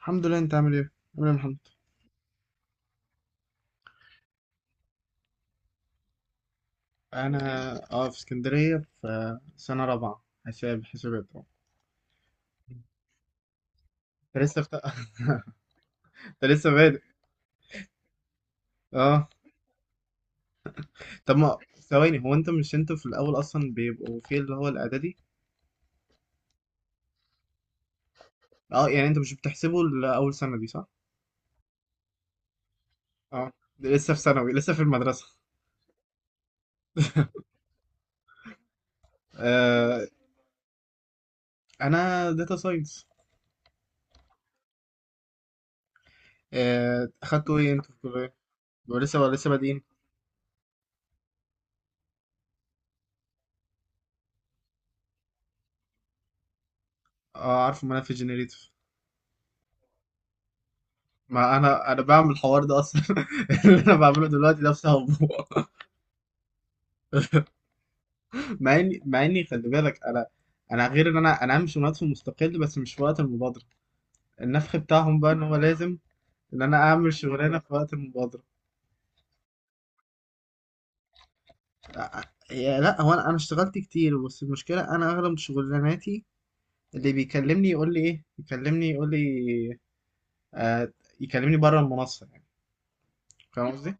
الحمد لله، انت عامل ايه؟ عامل ايه يا محمد؟ انا الحمد لله اه، في اسكندريه في سنه رابعه حساب حسابات اه. انت لسه انت لسه بادئ اه. طب ما ثواني، هو انت مش انت في الاول اصلا بيبقوا في اللي هو الاعدادي؟ اه يعني انت مش بتحسبه لاول سنه دي صح؟ اه، ده لسه في ثانوي لسه في المدرسه. آه، انا داتا ساينس. آه اخدتوا ايه انتوا في الكليه؟ ولا لسه ولا لسه بادئين؟ اه عارف، ما انا في جنريتيف. ما انا بعمل الحوار ده اصلا. اللي انا بعمله دلوقتي ده بسببه. مع اني خلي بالك، انا غير ان انا عامل شغلانات في مستقل، بس مش في وقت المبادره. النفخ بتاعهم بقى ان هو لازم ان انا اعمل شغلانه في وقت المبادره. لا، هو انا اشتغلت كتير، بس المشكله انا اغلب شغلاناتي اللي بيكلمني يقول لي ايه، يكلمني يقول لي آه، يكلمني بره المنصه يعني. فاهم قصدي.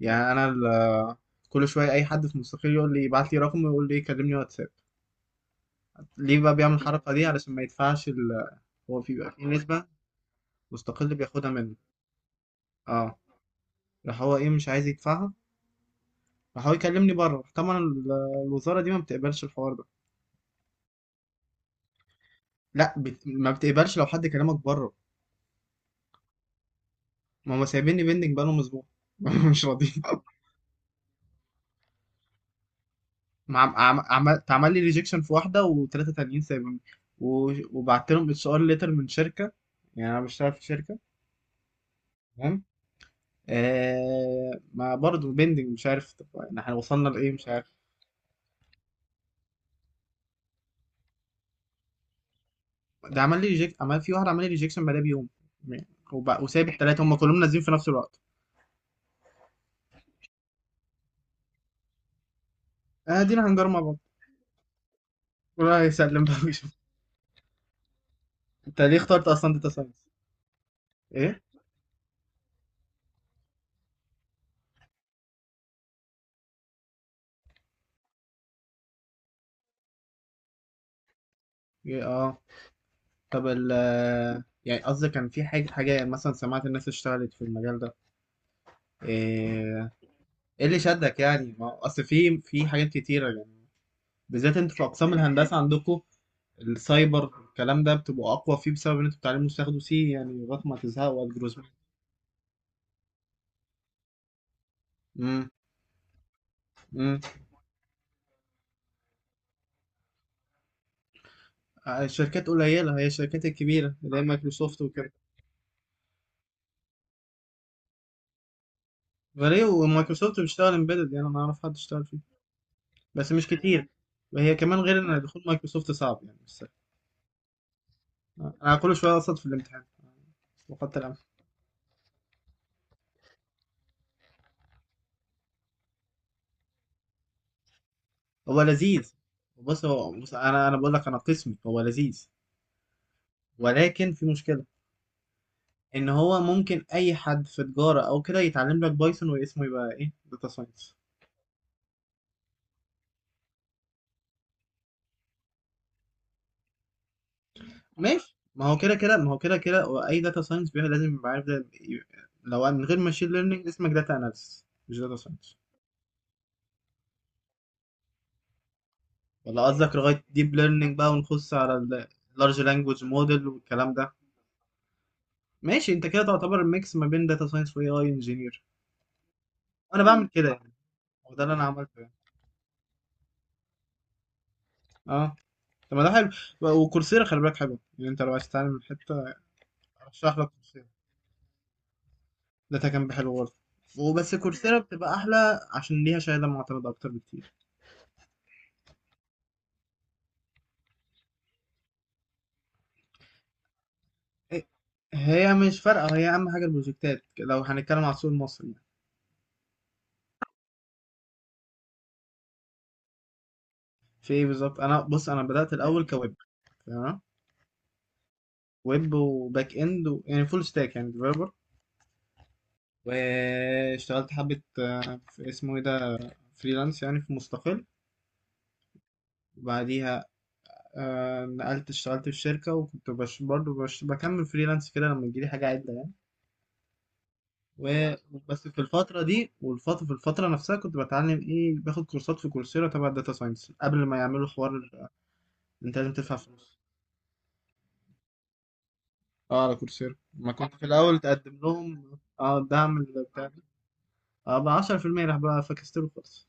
يعني كل شويه اي حد في مستقل يقول لي يبعت لي رقم، ويقول لي كلمني واتساب. ليه بقى بيعمل الحركه دي؟ علشان ما يدفعش هو بيبقى في نسبه مستقل بياخدها منه. اه، راح هو، ايه، مش عايز يدفعها، راح هو يكلمني بره، راح طبعا الوزاره دي ما بتقبلش الحوار ده. لا بت... ما بتقبلش لو حد كلمك بره. ما هم سايبيني بيندنج بقالهم اسبوع. مش راضيين. اتعمل لي ريجكشن في واحده، وثلاثه تانيين سايبيني. وبعت لهم اتش ار ليتر من شركه، يعني انا بشتغل في شركه تمام. ما برضه بيندنج مش عارف، طب يعني احنا وصلنا لايه مش عارف. ده عمل لي ريجكت، عمل في واحد، عمل لي ريجكشن بعدها بيوم. وسايب الثلاثه، هم كلهم نازلين في نفس الوقت. ادينا آه، دينا هنجر مع بعض. الله يسلم بقى. انت ليه اخترت اصلا داتا ساينس؟ ايه؟ إيه، اه. طب ال، يعني قصدي كان في حاجه يعني، مثلا سمعت الناس اشتغلت في المجال ده؟ ايه؟ إيه اللي شدك يعني؟ ما هو اصل في حاجات كتيره يعني، بالذات انتوا في اقسام الهندسه عندكم السايبر، الكلام ده بتبقوا اقوى فيه بسبب ان انتوا بتعلموا تاخدوا سي يعني لغايه ما تزهقوا الجروزمان. امم. امم. الشركات قليله، هي الشركات الكبيره اللي هي مايكروسوفت وكده. غريب، ومايكروسوفت بتشتغل امبيدد؟ يعني انا ما اعرف حد اشتغل فيه، بس مش كتير. وهي كمان غير ان دخول مايكروسوفت صعب، يعني مش سهل. انا كل شويه اقصد في الامتحان وقد الامر. هو لذيذ. بص هو، بص، انا بقول لك انا قسمي هو لذيذ، ولكن في مشكله، ان هو ممكن اي حد في تجاره او كده يتعلم لك بايثون، واسمه يبقى ايه؟ داتا ساينس. ماشي، ما هو كده كده واي داتا ساينس لازم يبقى عارف ده. لو من غير ماشين ليرنينج اسمك داتا اناليسيس مش داتا ساينس. ولا قصدك لغايه ديب ليرنينج بقى ونخش على اللارج لانجوج موديل والكلام ده؟ ماشي، انت كده تعتبر الميكس ما بين داتا ساينس واي اي انجينير. انا بعمل كده يعني، هو ده اللي انا عملته يعني. اه، طب ما ده حلو. وكورسيرا خلي بالك حلو، يعني انت لو عايز تتعلم حته ارشح لك كورسيرا. داتا كان حلو برضه، وبس كورسيرا بتبقى احلى عشان ليها شهاده معتمده اكتر بكتير. إيه، هي مش فارقه، هي اهم حاجه البروجكتات لو هنتكلم على السوق المصري يعني. في ايه بالظبط؟ انا بص، انا بدات الاول كويب تمام، ويب وباك اند يعني فول ستاك يعني ديفلوبر. واشتغلت حبه آه، في اسمه ايه ده، فريلانس يعني في مستقل. وبعديها آه نقلت اشتغلت في شركة، وكنت برضه بكمل فريلانس كده لما تجيلي حاجة عدة يعني. و- بس في الفترة دي، في الفترة نفسها كنت بتعلم ايه، باخد كورسات في كورسيرا تبع الداتا ساينس، قبل ما يعملوا حوار انت لازم تدفع فلوس. اه على كورسيرا، ما كنت في الأول تقدم لهم اه الدعم اللي بتاع ده. اه، ب 10% راح بقى، فكستله خالص.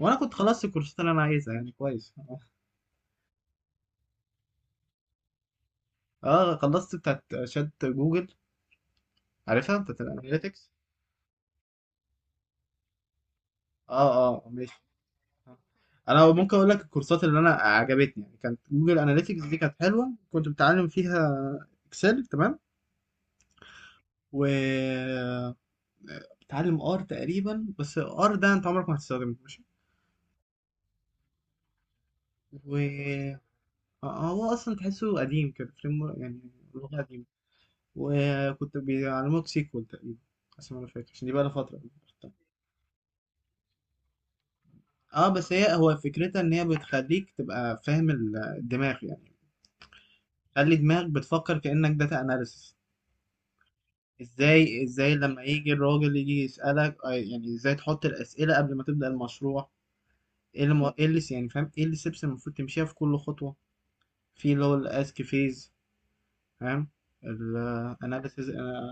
وانا كنت خلصت الكورسات اللي انا عايزها يعني، كويس. اه خلصت بتاعت شات جوجل، عارفها بتاعت الاناليتكس. اه، اه ماشي. انا ممكن اقول لك الكورسات اللي انا عجبتني، يعني كانت جوجل اناليتكس دي كانت حلوه كنت بتعلم فيها. اكسل تمام. و بتعلم ار تقريبا، بس ار ده انت عمرك ما هتستخدمه ماشي. و آه، آه، هو اصلا تحسه قديم كده فريم يعني، لغه قديمه. وكنت بيعلموك سيكوال تقريبا، بس انا مش فاكر عشان دي بقى لها فتره. اه، بس هي هو فكرتها ان هي بتخليك تبقى فاهم الدماغ يعني، خلي دماغك بتفكر كانك داتا اناليسس. ازاي لما يجي الراجل يجي يسألك آه، يعني ازاي تحط الأسئلة قبل ما تبدأ المشروع. ايه اللي مو- ايه اللي س- يعني فاهم ايه اللي steps المفروض تمشيها في كل خطوة، في اللي هو الاسك فيز، فاهم، ال analysis،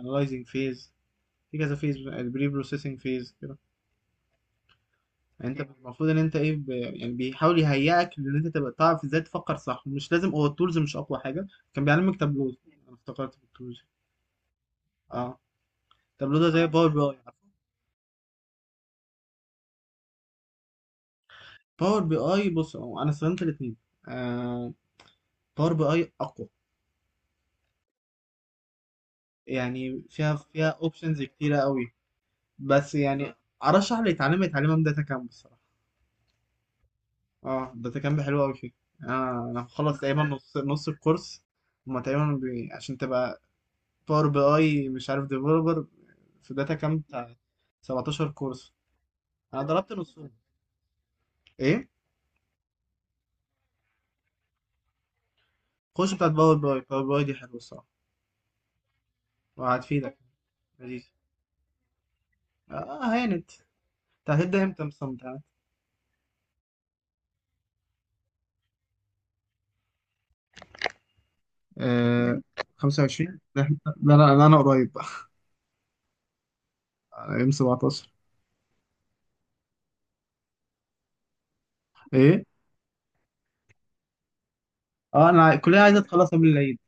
analyzing phase، في كذا فيز، البري بروسيسنج فيز كده. يعني انت المفروض ان انت ايه يعني بيحاول يهيئك ان انت تبقى تعرف ازاي تفكر صح، مش لازم هو التولز مش اقوى حاجة. كان بيعلمك تابلو، انا افتكرت في التولز، اه. تابلو ده زي باور بي اي. باور بي اي بص، هو انا استخدمت الاثنين آه، باور بي اي اقوى، يعني فيها اوبشنز كتيره قوي. بس يعني ارشح اللي يتعلم يتعلمها من داتا كامب الصراحه. اه داتا كامب حلوه قوي فيه. آه انا مخلص تقريبا نص الكورس، هما تقريبا عشان تبقى باور بي اي مش عارف ديفلوبر في داتا كامب بتاع 17 كورس، انا ضربت نصهم. ايه؟ خش بتاعت باور بي اي، باور بي اي دي حلوه الصراحه وهتفيدك. لذيذ. اه هانت، انت هتبدا امتى مثلا؟ آه 25. لا لا، انا قريب بقى. يوم 17. ايه اه، انا الكليه عايزه تخلص قبل العيد.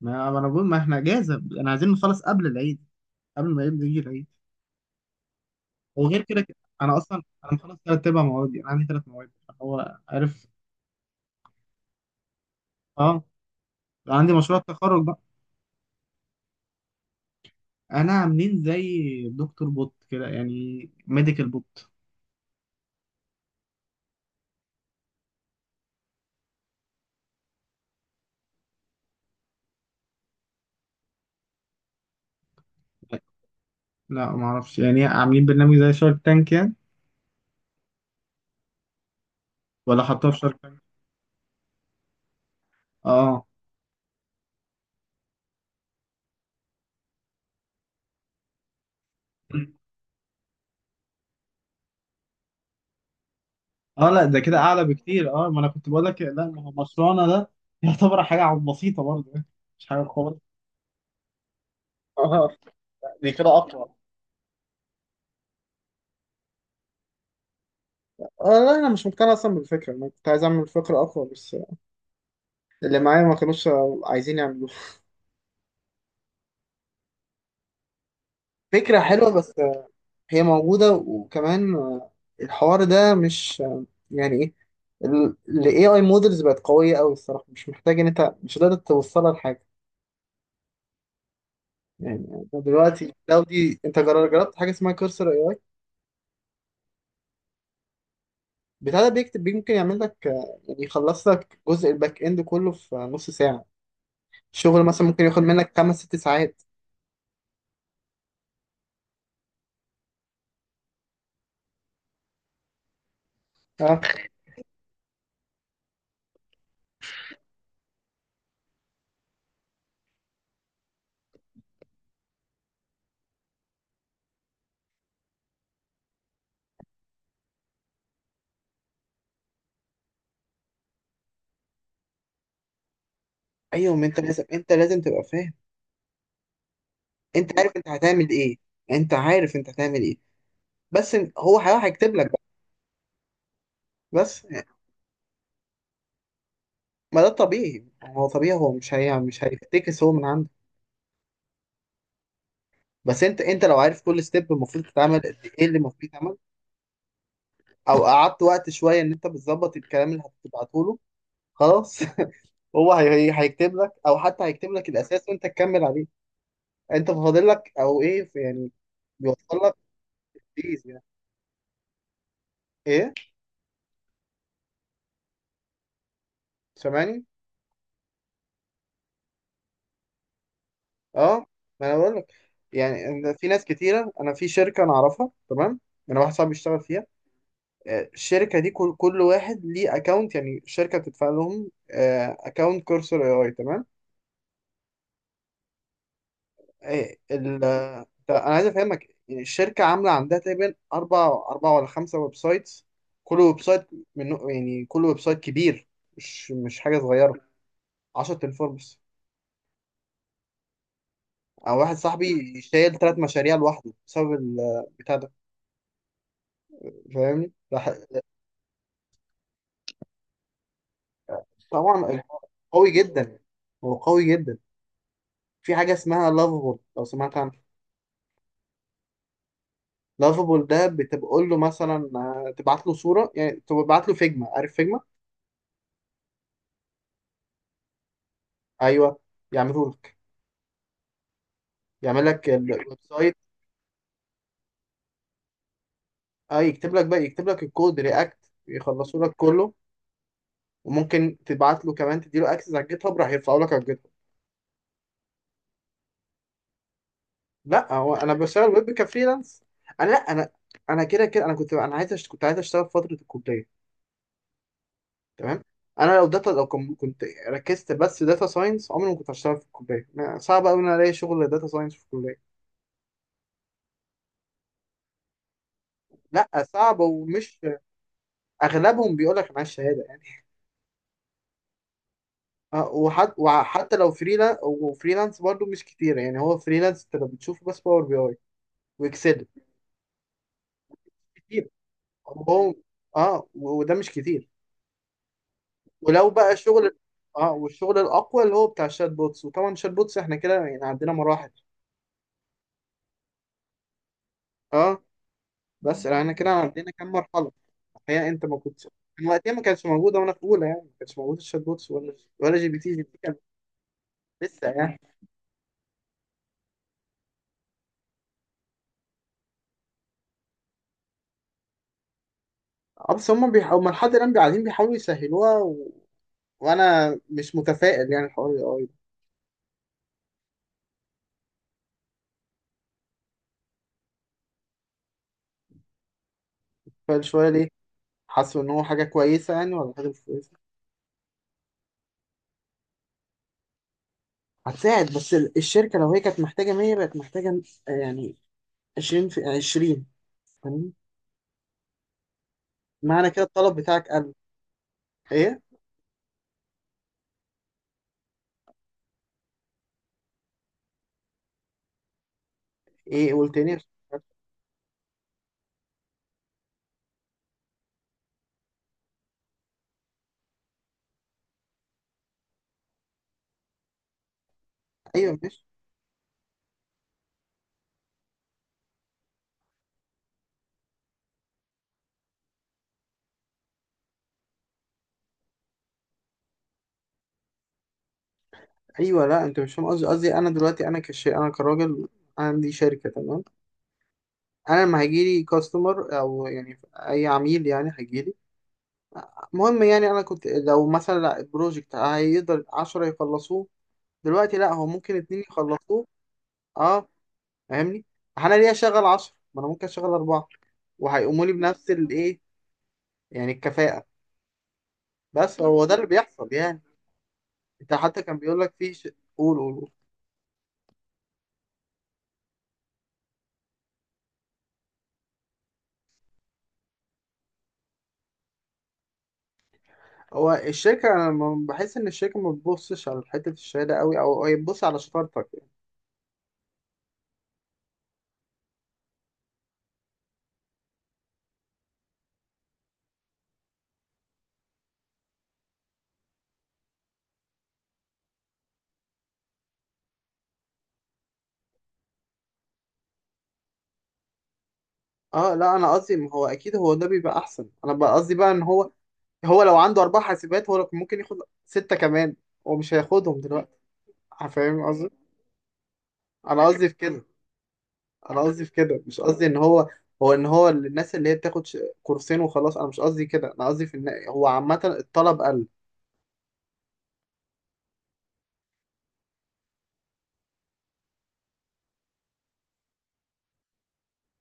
ما انا بقول ما احنا اجازه، انا عايزين نخلص قبل العيد، قبل ما يبدا يجي العيد. وغير كده كده، انا اصلا مخلص ثلاث ارباع موادي، انا عندي ثلاث مواد. هو عارف. اه، عندي مشروع التخرج بقى. انا عاملين زي دكتور بوت كده يعني، ميديكال بوت. لا ما اعرفش، يعني عاملين برنامج زي شارك تانك يعني؟ ولا حطوها في شارك تانك؟ اه، اه، لا ده كده اعلى بكتير، اه، ما انا كنت بقول لك، لا، ما هو مشروعنا ده يعتبر حاجه عم بسيطه برضه يعني، مش حاجه خالص. اه دي كده اقوى. آه، لا انا مش مقتنع اصلا بالفكره، انا كنت عايز اعمل فكره اقوى، بس اللي معايا ما كانوش عايزين يعملوها. فكره حلوه بس هي موجوده. وكمان الحوار ده مش يعني ايه، ال AI مودلز بقت قويه قوي الصراحه، مش محتاج ان انت مش قادر توصلها لحاجه. يعني أنت دلوقتي، لو دي انت جربت حاجه اسمها كورسر؟ بتاع ده بيكتب، يمكن يعمل لك آه، يعني يخلص لك جزء الباك اند كله في نص ساعة، الشغل مثلا ممكن ياخد منك خمس ست ساعات. اه، ايوه، ما انت لازم، انت لازم تبقى فاهم، انت عارف انت هتعمل ايه، انت عارف انت هتعمل ايه، بس هو هيروح هيكتب لك بقى. بس ما ده طبيعي، هو طبيعي، هو مش مش هيفتكس هو من عنده، بس انت لو عارف كل ستيب المفروض تتعمل قد ايه اللي المفروض يتعمل، او قعدت وقت شويه ان انت بتظبط الكلام اللي هتبعته له. خلاص. هو هيكتب لك، او حتى هيكتب لك الاساس وانت تكمل عليه. انت فاضل لك او ايه يعني بيوصل لك، بيز يعني. ايه، سامعني؟ اه، ما انا بقول لك، يعني إن في ناس كتيره، انا في شركه انا اعرفها تمام، انا واحد صاحبي بيشتغل فيها. آه، الشركه دي كل واحد ليه اكونت، يعني الشركه بتدفع لهم اكونت كورسر اي اي، تمام؟ إيه ال ده، انا عايز افهمك، يعني الشركه عامله عندها تقريبا اربع ولا خمسه ويب سايتس، كل ويب سايت يعني كل ويب سايت كبير، مش حاجه صغيره، 10 تنفور بس. انا واحد صاحبي شايل ثلاث مشاريع لوحده بسبب البتاع ده. فاهمني راح- طبعا، قوي جدا، هو قوي جدا. في حاجه اسمها لافابول، لو سمعت عنها؟ لافابول ده بتقول له مثلا آه، تبعت له صوره، يعني تبعت له فيجما، عارف فيجما؟ ايوه. يعملوا يعمل لك الويب سايت. اه يكتب لك بقى، يكتب لك الكود رياكت، يخلصوا لك كله. وممكن تبعت له كمان، تديله اكسس على الجيت هاب راح يرفعوا لك على الجيت هاب. لا هو انا بشتغل ويب كفريلانس. انا، لا انا، انا كده كده انا كنت عايز كنت عايز اشتغل في فتره الكليه تمام. انا لو داتا لو كنت ركزت بس داتا ساينس، عمري ما كنت هشتغل في الكليه، صعب قوي ان أنا الاقي شغل داتا ساينس في الكليه. لا، صعب ومش، اغلبهم بيقول لك معايا الشهاده. وحتى لو فريلانس، وفريلانس برضو مش كتير يعني، هو فريلانس انت لو بتشوفه بس باور بي اي واكسل كتير، هو اه، وده مش كتير. ولو بقى شغل، اه، والشغل الاقوى اللي هو بتاع الشات بوتس، وطبعا الشات بوتس احنا كده يعني عندنا مراحل. اه، بس احنا كده عندنا كام مرحله. الحقيقه انت ما كنتش من وقتها، ما كانتش موجوده وانا في اولى، يعني ما كانش موجود الشات بوتس ولا جي بي تي، جي بي تي كان لسه يعني. اه، بس هم بيحاولوا، لحد الان قاعدين بيحاولوا يسهلوها وانا مش متفائل يعني الحوار ده فقال شوية ليه؟ حسوا إن هو حاجة كويسة يعني ولا حاجة مش كويسة؟ هتساعد بس الشركة لو هي كانت محتاجة 100 بقت محتاجة آه، يعني 20 في 20 فاهمني؟ معنى كده الطلب بتاعك قل. إيه؟ إيه قول تاني. أيوه ماشي. أيوه، لا أنت مش فاهم قصدي أنا دلوقتي، أنا كراجل عندي شركة، تمام؟ أنا لما هيجيلي كاستمر أو يعني أي عميل يعني هيجيلي، المهم يعني أنا كنت لو مثلا البروجكت هيقدر 10 يخلصوه، دلوقتي لا هو ممكن اتنين يخلصوه. اه فاهمني، انا ليه اشغل 10 ما انا ممكن اشغل 4 وهيقوموا لي بنفس الايه، يعني الكفاءة. بس هو ده اللي بيحصل يعني، انت حتى كان بيقول لك قول قول قول. هو الشركة انا لما بحس ان الشركة ما بتبصش على حتة الشهادة قوي، او هي بتبص على شطارتك يعني. اه لا انا قصدي، ما هو اكيد هو ده بيبقى احسن، انا بقى قصدي بقى ان هو، هو لو عنده اربع حاسبات هو لو كان ممكن ياخد ستة كمان، هو مش هياخدهم دلوقتي. فاهم قصدي، انا قصدي في كده. انا قصدي في كده، مش قصدي ان هو، هو ان هو الناس اللي هي كورسين وخلاص، انا مش قصدي كده، انا قصدي في ان هو عامه الطلب قل.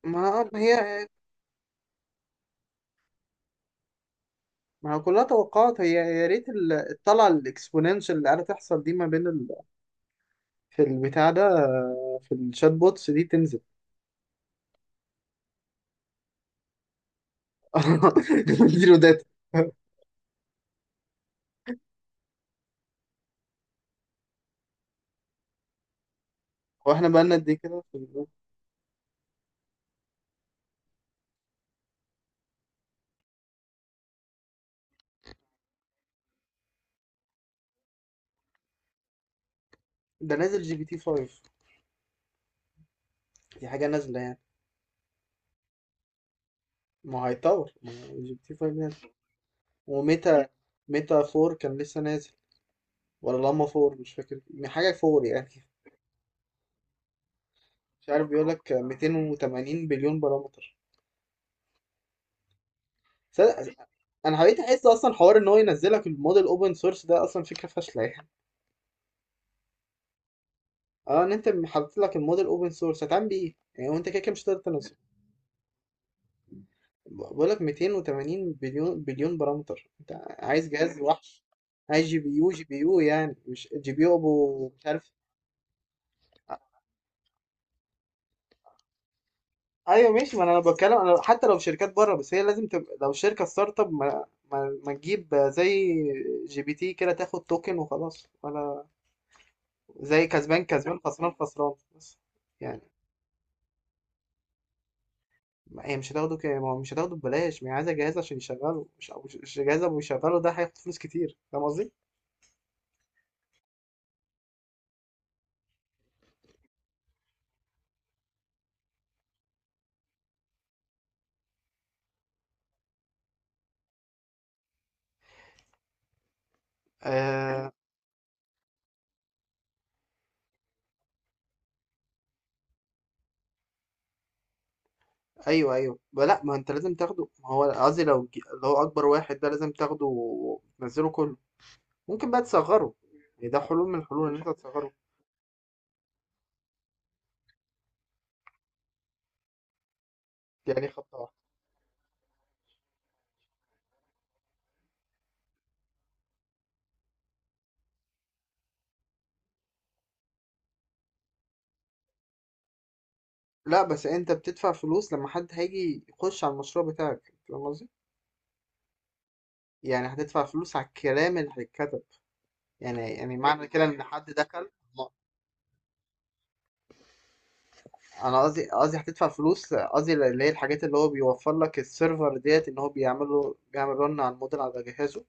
ما هي، ما هو كلها توقعات، هي يا ريت الطلعه الاكسبوننشال اللي قاعده تحصل دي ما بين في البتاع ده آه، في الشات بوتس دي تنزل. اديله داتا. واحنا بقالنا قد ايه كده ده نازل جي بي تي 5، دي حاجه نازله يعني. ما هو هيطور، ما هو جي بي تي 5 نازل، وميتا، ميتا 4 كان لسه نازل، ولا لاما فور مش فاكر، يعني حاجة فور يعني. مش عارف بيقول لك 280 بليون بارامتر. صدق- انا حبيت احس اصلا حوار ان هو ينزلك الموديل اوبن سورس ده اصلا فكرة فاشلة يعني. اه ان انت حاطط لك الموديل اوبن سورس هتعمل بيه ايه؟ يعني وانت كده كده مش هتقدر تنزله. بقول لك 280 بليون بارامتر، انت عايز جهاز وحش، عايز جي بي يو، جي بي يو يعني مش جي بي يو ابو مش عارف. ايوه ماشي، ما انا بتكلم انا حتى لو في شركات بره، بس هي لازم تبقى لو شركه ستارت اب، ما تجيب زي جي بي تي كده تاخد توكن وخلاص، ولا زي كسبان كسبان خسران خسران بس. يعني هي مش هتاخده كده، ما هو مش هتاخده ببلاش، ما هي عايزه جهاز عشان يشغله، مش أو مش جهاز ابو يشغله، ده هياخد فلوس كتير، فاهم قصدي؟ آه ايوه ايوه، لا ما انت لازم تاخده، ما هو قصدي لو اللي هو اكبر واحد ده لازم تاخده وتنزله كله. ممكن بقى تصغره، يعني ده حلول من الحلول ان انت تصغره. دي يعني خطه واحده. لأ، بس أنت بتدفع فلوس لمّا حد هييجي يخش على المشروع بتاعك، فاهم قصدي؟ يعني هتدفع فلوس على الكلام اللي هيتكتب، يعني معنى كده إن حد دخل. ما أنا قصدي، هتدفع فلوس، قصدي اللي هي الحاجات اللي هو بيوفّر لك السيرفر ديّة، إن هو بيعمل له بيعمل run على الmodel على جهازه.